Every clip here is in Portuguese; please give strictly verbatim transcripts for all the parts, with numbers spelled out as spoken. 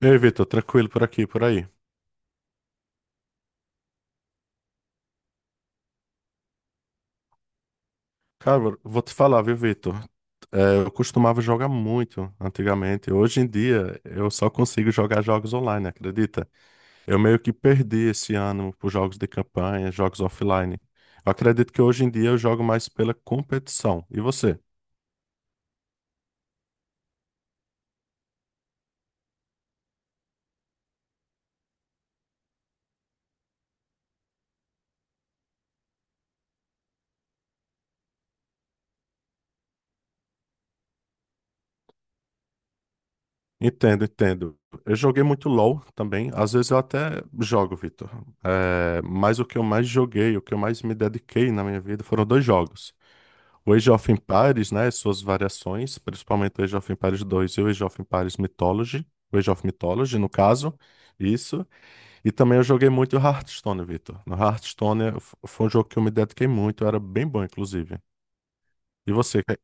Ei, Vitor, tranquilo por aqui, por aí. Cara, vou te falar, viu, Vitor? É, eu costumava jogar muito antigamente. Hoje em dia, eu só consigo jogar jogos online, acredita? Eu meio que perdi esse ano por jogos de campanha, jogos offline. Eu acredito que hoje em dia eu jogo mais pela competição. E você? Entendo, entendo. Eu joguei muito LoL também. Às vezes eu até jogo, Vitor. É, mas o que eu mais joguei, o que eu mais me dediquei na minha vida foram dois jogos. O Age of Empires, né, suas variações, principalmente o Age of Empires dois e o Age of Empires Mythology, o Age of Mythology, no caso, isso. E também eu joguei muito Hearthstone, Vitor. No Hearthstone eh, f- foi um jogo que eu me dediquei muito, era bem bom, inclusive. E você, que-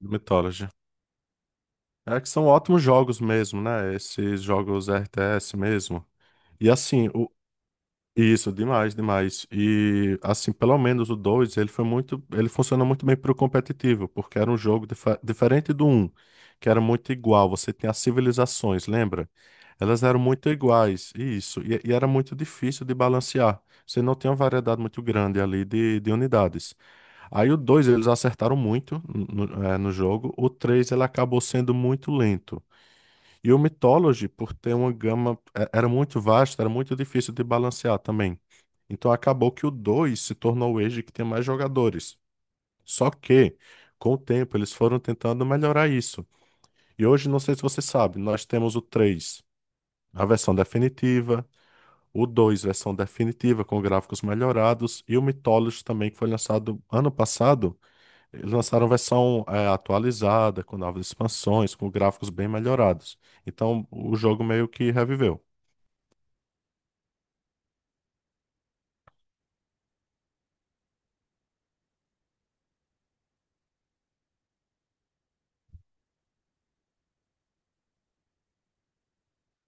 Mythology? É que são ótimos jogos mesmo, né? Esses jogos R T S mesmo. E assim, o, Isso, demais, demais. E assim, pelo menos o dois ele foi muito, ele funciona muito bem pro competitivo, porque era um jogo dife- diferente do um que era muito igual, você tem as civilizações, lembra? Elas eram muito iguais, isso, e, e era muito difícil de balancear. Você não tem uma variedade muito grande ali de, de unidades. Aí o dois eles acertaram muito no, no eh, no jogo, o três ele acabou sendo muito lento. E o Mythology, por ter uma gama, eh, era muito vasta, era muito difícil de balancear também. Então acabou que o dois se tornou o Age que tem mais jogadores. Só que, com o tempo, eles foram tentando melhorar isso. E hoje, não sei se você sabe, nós temos o três, a versão definitiva, o dois versão definitiva, com gráficos melhorados, e o Mythology também, que foi lançado ano passado. Eles lançaram versão eh, atualizada, com novas expansões, com gráficos bem melhorados. Então, o jogo meio que reviveu.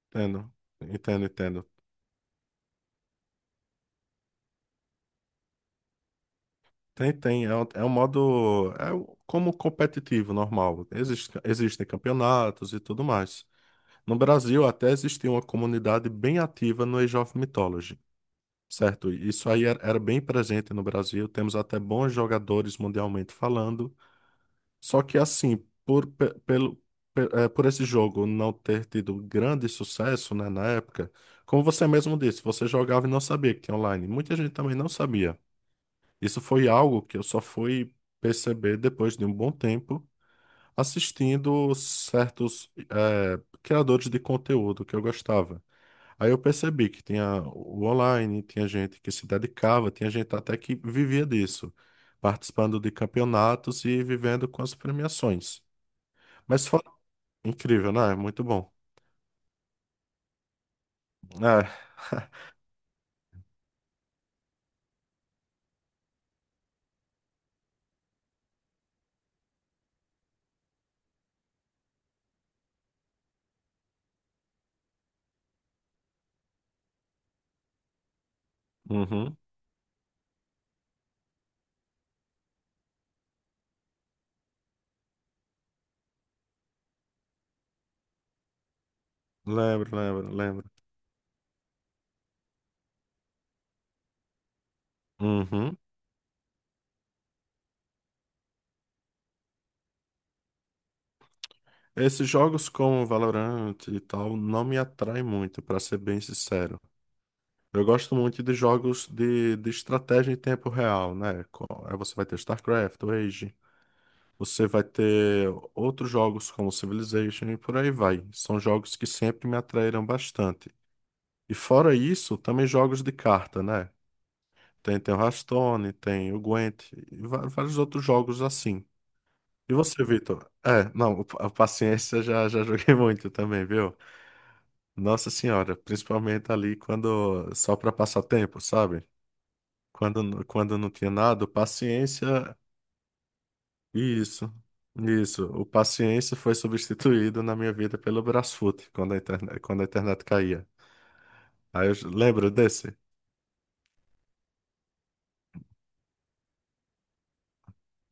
Entendo, entendo, entendo. Tem, tem. É um, é um modo. É um- como competitivo, normal. Existe, existem campeonatos e tudo mais. No Brasil, até existia uma comunidade bem ativa no Age of Mythology, certo? Isso aí era, era bem presente no Brasil. Temos até bons jogadores mundialmente falando. Só que, assim, por, pe- pelo, pe- eh, por esse jogo não ter tido grande sucesso, né, na época, como você mesmo disse, você jogava e não sabia que tinha online. Muita gente também não sabia. Isso foi algo que eu só fui perceber depois de um bom tempo, assistindo certos eh, criadores de conteúdo que eu gostava. Aí eu percebi que tinha o online, tinha gente que se dedicava, tinha gente até que vivia disso, participando de campeonatos e vivendo com as premiações. Mas foi incrível, né? Muito bom. É. Uhum. Lembro, lembro, lembro. Uhum. Esses jogos como Valorant e tal não me atraem muito, pra ser bem sincero. Eu gosto muito de jogos de, de estratégia em tempo real, né? Co- Aí você vai ter StarCraft, Age, você vai ter outros jogos como Civilization e por aí vai. São jogos que sempre me atraíram bastante. E fora isso, também jogos de carta, né? Tem, tem o Hearthstone, tem o Gwent, e va- vários outros jogos assim. E você, Vitor? É, não, a paciência já, já joguei muito também, viu? Nossa Senhora, principalmente ali quando só para passar tempo, sabe? Quando, quando não tinha nada, o paciência. Isso, isso. O paciência foi substituído na minha vida pelo Brasfoot, quando a internet, quando a internet caía. Aí eu j- lembro desse?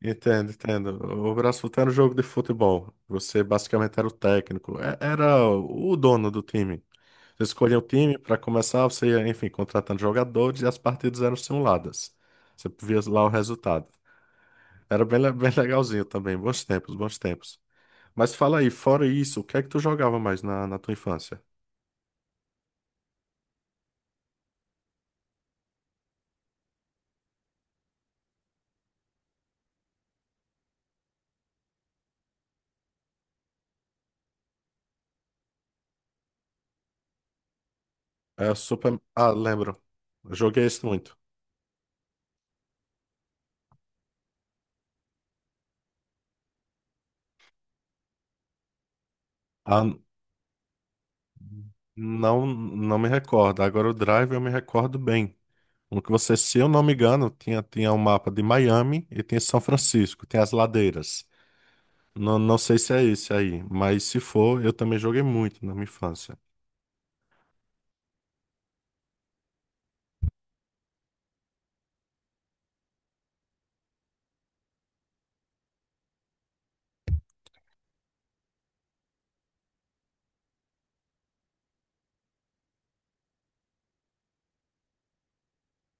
Entendo, entendo. O Brasfoot era um jogo de futebol. Você basicamente era o técnico, é- era o dono do time. Você escolhia o time para começar, você ia, enfim, contratando jogadores e as partidas eram simuladas. Você via lá o resultado. Era bem, le- bem legalzinho também. Bons tempos, bons tempos. Mas fala aí, fora isso, o que é que tu jogava mais na, na tua infância? É Super. Ah, lembro. Eu joguei esse muito. Ah, n- não, não me recordo. Agora o Drive eu me recordo bem. No que você, se eu não me engano, tinha, tinha um mapa de Miami e tinha São Francisco, tem as ladeiras. Não, não sei se é esse aí, mas se for, eu também joguei muito na minha infância.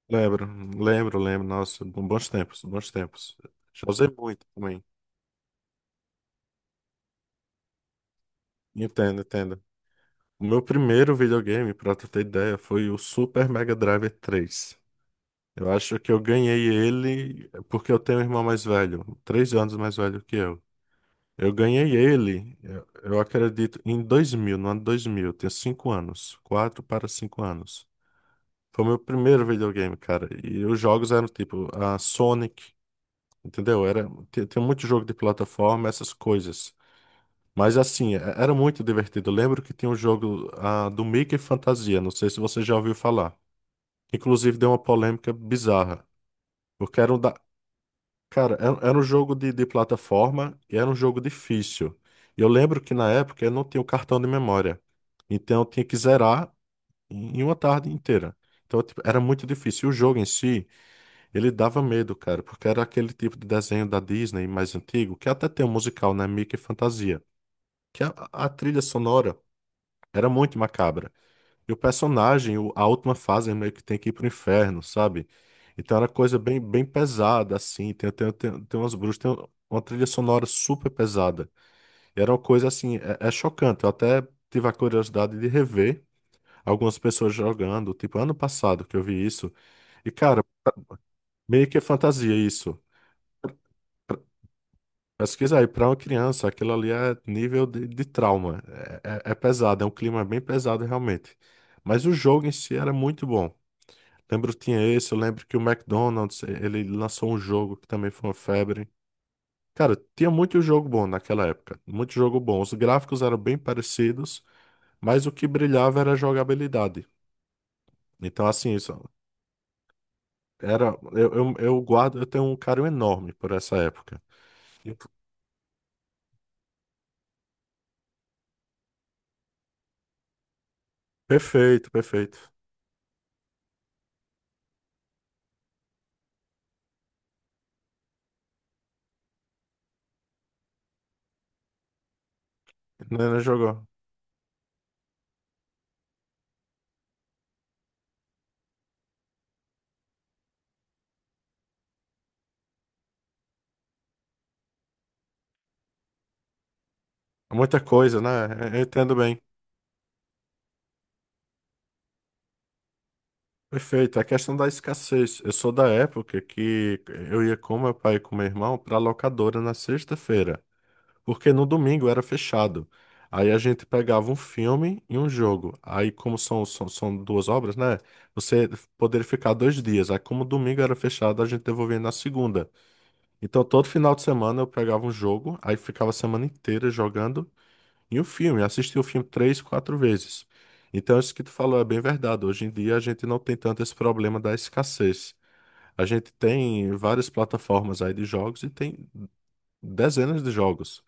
Lembro, lembro, lembro. Nossa, bons tempos, bons tempos. Já usei muito também. Entendo, entendo. O meu primeiro videogame, pra tu ter ideia, foi o Super Mega Drive três. Eu acho que eu ganhei ele porque eu tenho um irmão mais velho, três anos mais velho que eu. Eu ganhei ele, eu, eu acredito, em dois mil, no ano dois mil. Eu tenho cinco anos, quatro para cinco anos. Foi o meu primeiro videogame, cara. E os jogos eram tipo a Sonic, entendeu? Era, tem, tem muito jogo de plataforma, essas coisas. Mas assim, é- era muito divertido. Eu lembro que tinha um jogo ah, do Mickey Fantasia, não sei se você já ouviu falar. Inclusive deu uma polêmica bizarra, porque era um da... Cara, era, era um jogo de, de plataforma e era um jogo difícil. E eu lembro que na época eu não tinha o cartão de memória, então eu tinha que zerar em em uma tarde inteira. Então, tipo, era muito difícil. E o jogo em si, ele dava medo, cara, porque era aquele tipo de desenho da Disney mais antigo, que até tem um musical, né? Mickey Fantasia, que a a trilha sonora era muito macabra. E o personagem, o- a última fase, ele meio que tem que ir pro inferno, sabe? Então era coisa bem, bem pesada, assim. Tem, tem, tem, tem umas bruxas, tem uma trilha sonora super pesada. E era uma coisa, assim, é, é chocante. Eu até tive a curiosidade de rever algumas pessoas jogando, tipo, ano passado que eu vi isso. E, cara, meio que é fantasia isso. Pesquisa aí, pra uma criança, aquilo ali é nível de, de trauma. É, é, é pesado, é um clima bem pesado, realmente. Mas o jogo em si era muito bom. Lembro que tinha esse, eu lembro que o McDonald's, eh, ele lançou um jogo que também foi uma febre. Cara, tinha muito jogo bom naquela época, muito jogo bom. Os gráficos eram bem parecidos, mas o que brilhava era a jogabilidade. Então, assim, isso era, eu, eu, eu guardo, eu tenho um carinho enorme por essa época. E- Perfeito, perfeito. Não, não jogou. Muita coisa, né? Eu entendo bem. Perfeito. A questão da escassez. Eu sou da época que eu ia com meu pai e com meu irmão para locadora na sexta-feira. Porque no domingo era fechado. Aí a gente pegava um filme e um jogo. Aí, como são, são, são duas obras, né? Você poderia ficar dois dias. Aí, como domingo era fechado, a gente devolvia na segunda. Então, todo final de semana eu pegava um jogo, aí ficava a semana inteira jogando e um filme. Assistia o filme três, quatro vezes. Então, isso que tu falou é bem verdade. Hoje em dia, a gente não tem tanto esse problema da escassez. A gente tem várias plataformas aí de jogos e tem dezenas de jogos.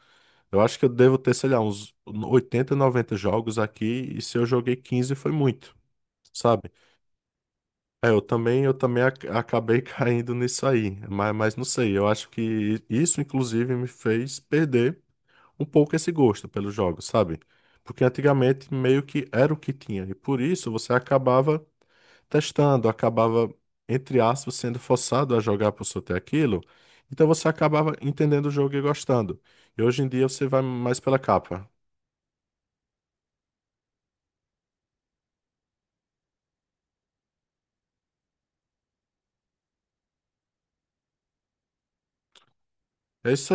Eu acho que eu devo ter, sei lá, uns oitenta, noventa jogos aqui, e se eu joguei quinze foi muito, sabe? É, eu também, eu também ac- acabei caindo nisso aí, mas, mas não sei, eu acho que isso inclusive me fez perder um pouco esse gosto pelos jogos, sabe? Porque antigamente meio que era o que tinha, e por isso você acabava testando, acabava, entre aspas, sendo forçado a jogar por só ter aquilo, então você acabava entendendo o jogo e gostando. E hoje em dia você vai mais pela capa. É isso